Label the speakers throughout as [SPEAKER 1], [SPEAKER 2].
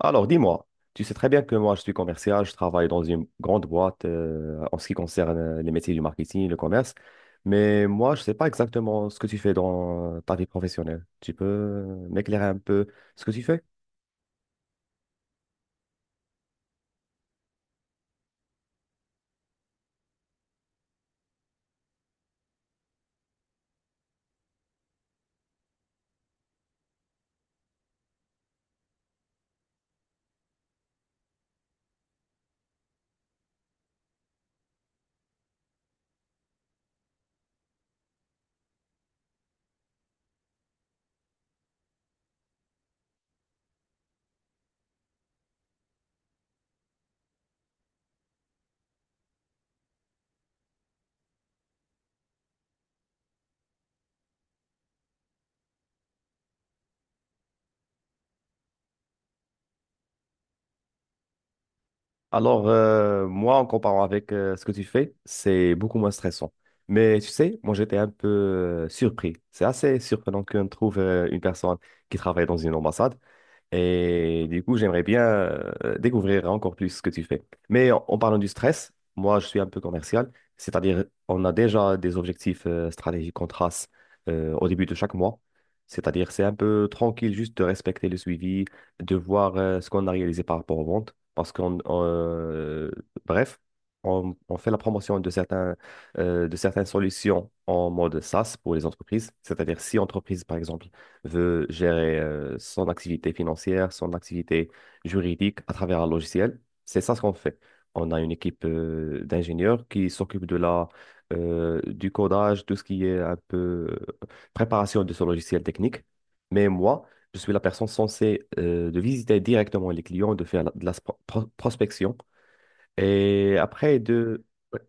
[SPEAKER 1] Alors, dis-moi, tu sais très bien que moi, je suis commercial, je travaille dans une grande boîte, en ce qui concerne les métiers du marketing, le commerce, mais moi, je ne sais pas exactement ce que tu fais dans ta vie professionnelle. Tu peux m'éclairer un peu ce que tu fais? Alors, moi, en comparant avec ce que tu fais, c'est beaucoup moins stressant. Mais tu sais, moi, j'étais un peu surpris. C'est assez surprenant qu'on trouve une personne qui travaille dans une ambassade. Et du coup, j'aimerais bien découvrir encore plus ce que tu fais. Mais en parlant du stress, moi, je suis un peu commercial, c'est-à-dire on a déjà des objectifs stratégiques qu'on trace au début de chaque mois. C'est-à-dire c'est un peu tranquille juste de respecter le suivi, de voir ce qu'on a réalisé par rapport aux ventes. Parce qu'on, on, bref, on fait la promotion de certaines solutions en mode SaaS pour les entreprises. C'est-à-dire si entreprise, par exemple, veut gérer son activité financière, son activité juridique à travers un logiciel. C'est ça ce qu'on fait. On a une équipe d'ingénieurs qui s'occupe du codage, tout ce qui est un peu préparation de ce logiciel technique. Mais moi, je suis la personne censée de visiter directement les clients, de faire la- de la sp- pro- prospection et après de... Oui,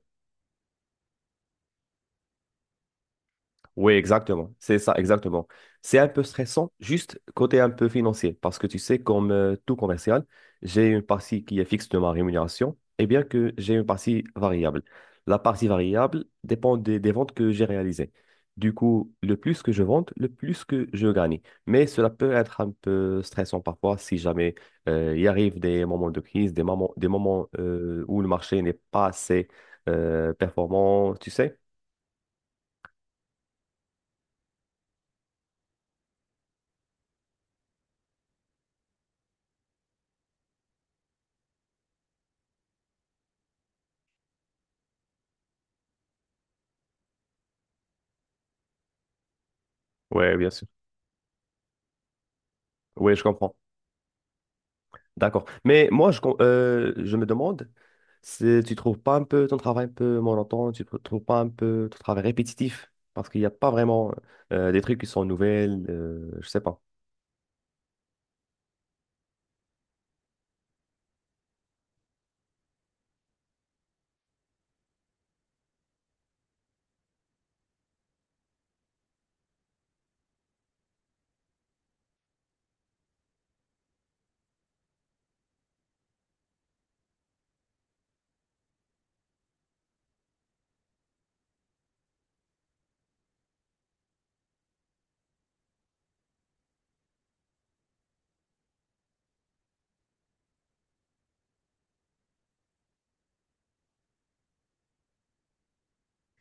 [SPEAKER 1] Oui, exactement. C'est ça, exactement. C'est un peu stressant, juste côté un peu financier, parce que tu sais, comme tout commercial, j'ai une partie qui est fixe de ma rémunération, et bien que j'ai une partie variable. La partie variable dépend des ventes que j'ai réalisées. Du coup, le plus que je vende, le plus que je gagne. Mais cela peut être un peu stressant parfois si jamais il arrive des moments de crise, des moments où le marché n'est pas assez performant, tu sais. Ouais, bien sûr. Oui, je comprends. D'accord. Mais moi, je me demande si tu trouves pas un peu ton travail un peu monotone, tu ne trouves pas un peu ton travail répétitif, parce qu'il n'y a pas vraiment des trucs qui sont nouvelles, je sais pas.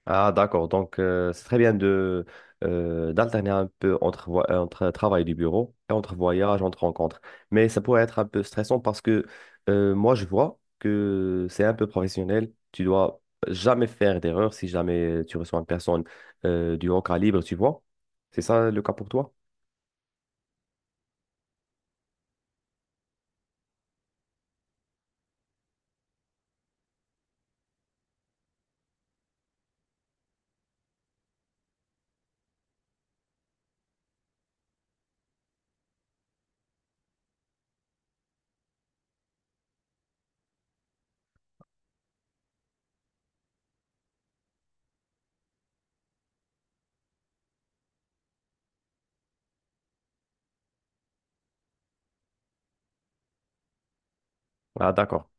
[SPEAKER 1] Ah, d'accord. Donc, c'est très bien de d'alterner un peu entre travail du bureau et entre voyage, entre rencontres. Mais ça pourrait être un peu stressant parce que moi, je vois que c'est un peu professionnel. Tu dois jamais faire d'erreur si jamais tu reçois une personne du haut calibre, tu vois. C'est ça le cas pour toi? Ah, d'accord.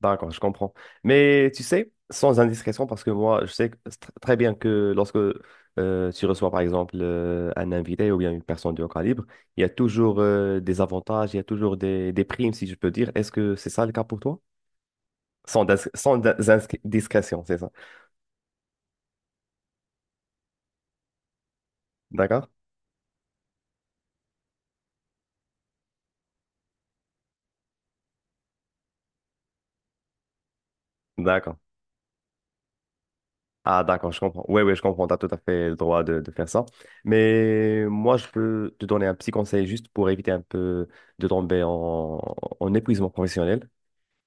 [SPEAKER 1] D'accord, je comprends. Mais tu sais, sans indiscrétion, parce que moi, je sais très bien que lorsque tu reçois, par exemple, un invité ou bien une personne de haut calibre, il y a toujours des avantages, il y a toujours des primes, si je peux dire. Est-ce que c'est ça le cas pour toi? Sans discrétion, c'est ça. D'accord? D'accord. Ah, d'accord, je comprends. Oui, oui, je comprends. Tu as tout à fait le droit de faire ça. Mais moi, je peux te donner un petit conseil juste pour éviter un peu de tomber en épuisement professionnel.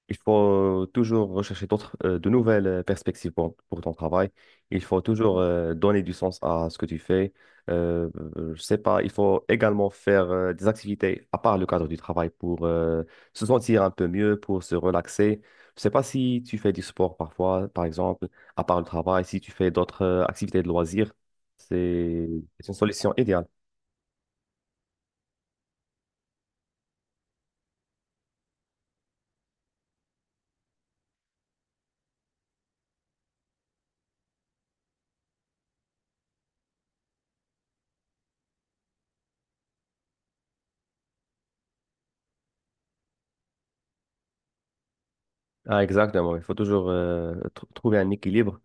[SPEAKER 1] Il faut toujours rechercher de nouvelles perspectives pour ton travail. Il faut toujours donner du sens à ce que tu fais. Euh, je sais pas, il faut également faire des activités à part le cadre du travail pour se sentir un peu mieux, pour se relaxer. Je sais pas si tu fais du sport parfois, par exemple, à part le travail, si tu fais d'autres activités de loisirs, c'est c'est une solution idéale. Ah, exactement. Il faut toujours trouver un équilibre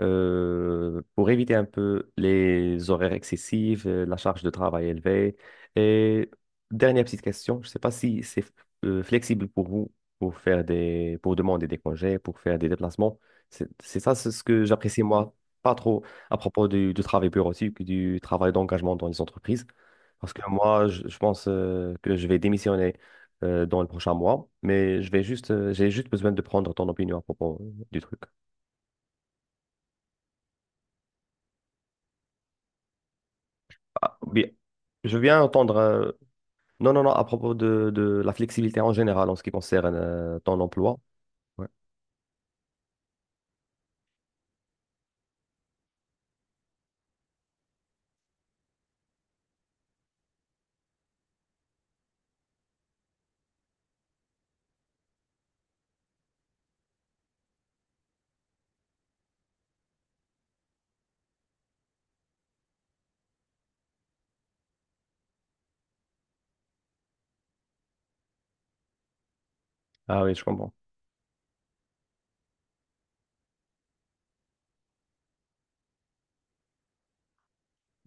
[SPEAKER 1] pour éviter un peu les horaires excessifs, la charge de travail élevée. Et dernière petite question, je ne sais pas si c'est flexible pour vous pour pour demander des congés, pour faire des déplacements. C'est ça, c'est ce que j'apprécie moi pas trop à propos du travail bureautique, du travail d'engagement dans les entreprises. Parce que moi, je pense que je vais démissionner dans le prochain mois, mais je vais j'ai juste besoin de prendre ton opinion à propos du truc. Ah, oui, je viens entendre. Non, non, non, à propos de la flexibilité en général en ce qui concerne ton emploi. Ouais. Ah oui, je comprends.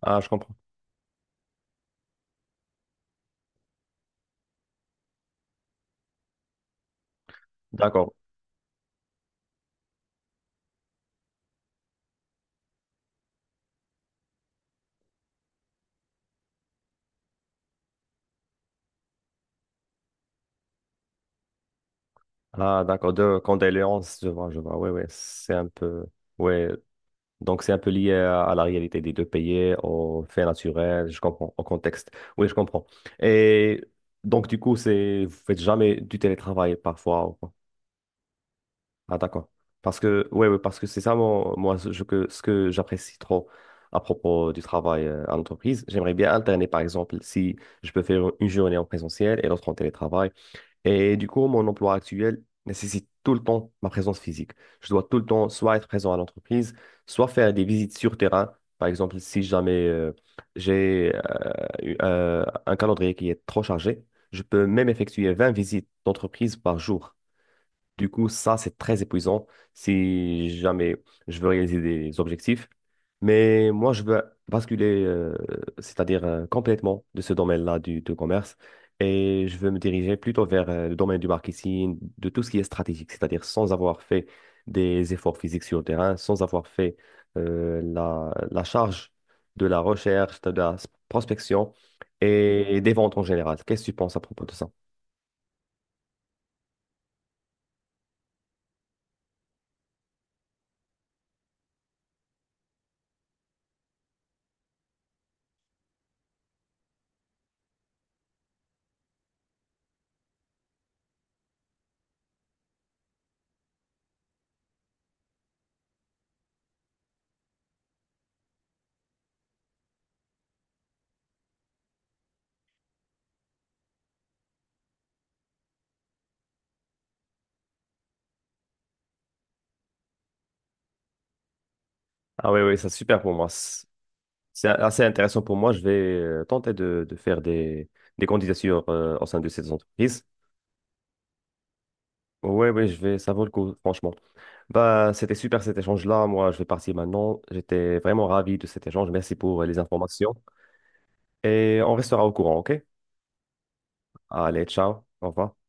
[SPEAKER 1] Ah, je comprends. D'accord. Ah, d'accord. De condoléances, je vois, je vois. Oui, oui, c'est un peu. Oui, donc, c'est un peu lié à la réalité des deux pays, aux faits naturels, je comprends, au contexte. Oui, je comprends. Et donc, du coup, c'est, vous faites jamais du télétravail parfois. Ou quoi? Ah, d'accord. Parce que, ouais, ouais, parce que c'est ça, mon- moi, ce je- que, ce que j'apprécie trop à propos du travail à l'entreprise. J'aimerais bien alterner, par exemple, si je peux faire une journée en présentiel et l'autre en télétravail. Et du coup, mon emploi actuel nécessite tout le temps ma présence physique. Je dois tout le temps soit être présent à l'entreprise, soit faire des visites sur terrain. Par exemple, si jamais j'ai euh, un calendrier qui est trop chargé, je peux même effectuer 20 visites d'entreprise par jour. Du coup, ça, c'est très épuisant si jamais je veux réaliser des objectifs. Mais moi, je veux basculer, c'est-à-dire complètement de ce domaine-là du commerce. Et je veux me diriger plutôt vers le domaine du marketing, de tout ce qui est stratégique, c'est-à-dire sans avoir fait des efforts physiques sur le terrain, sans avoir fait la charge de la recherche, de la prospection et des ventes en général. Qu'est-ce que tu penses à propos de ça? Ah oui, oui, c'est super pour moi. C'est assez intéressant pour moi. Je vais tenter de faire des candidatures au sein de ces entreprises. Oui, oui, je vais, ça vaut le coup, franchement. Bah, c'était super cet échange-là. Moi, je vais partir maintenant. J'étais vraiment ravi de cet échange. Merci pour les informations. Et on restera au courant, OK? Allez, ciao. Au revoir.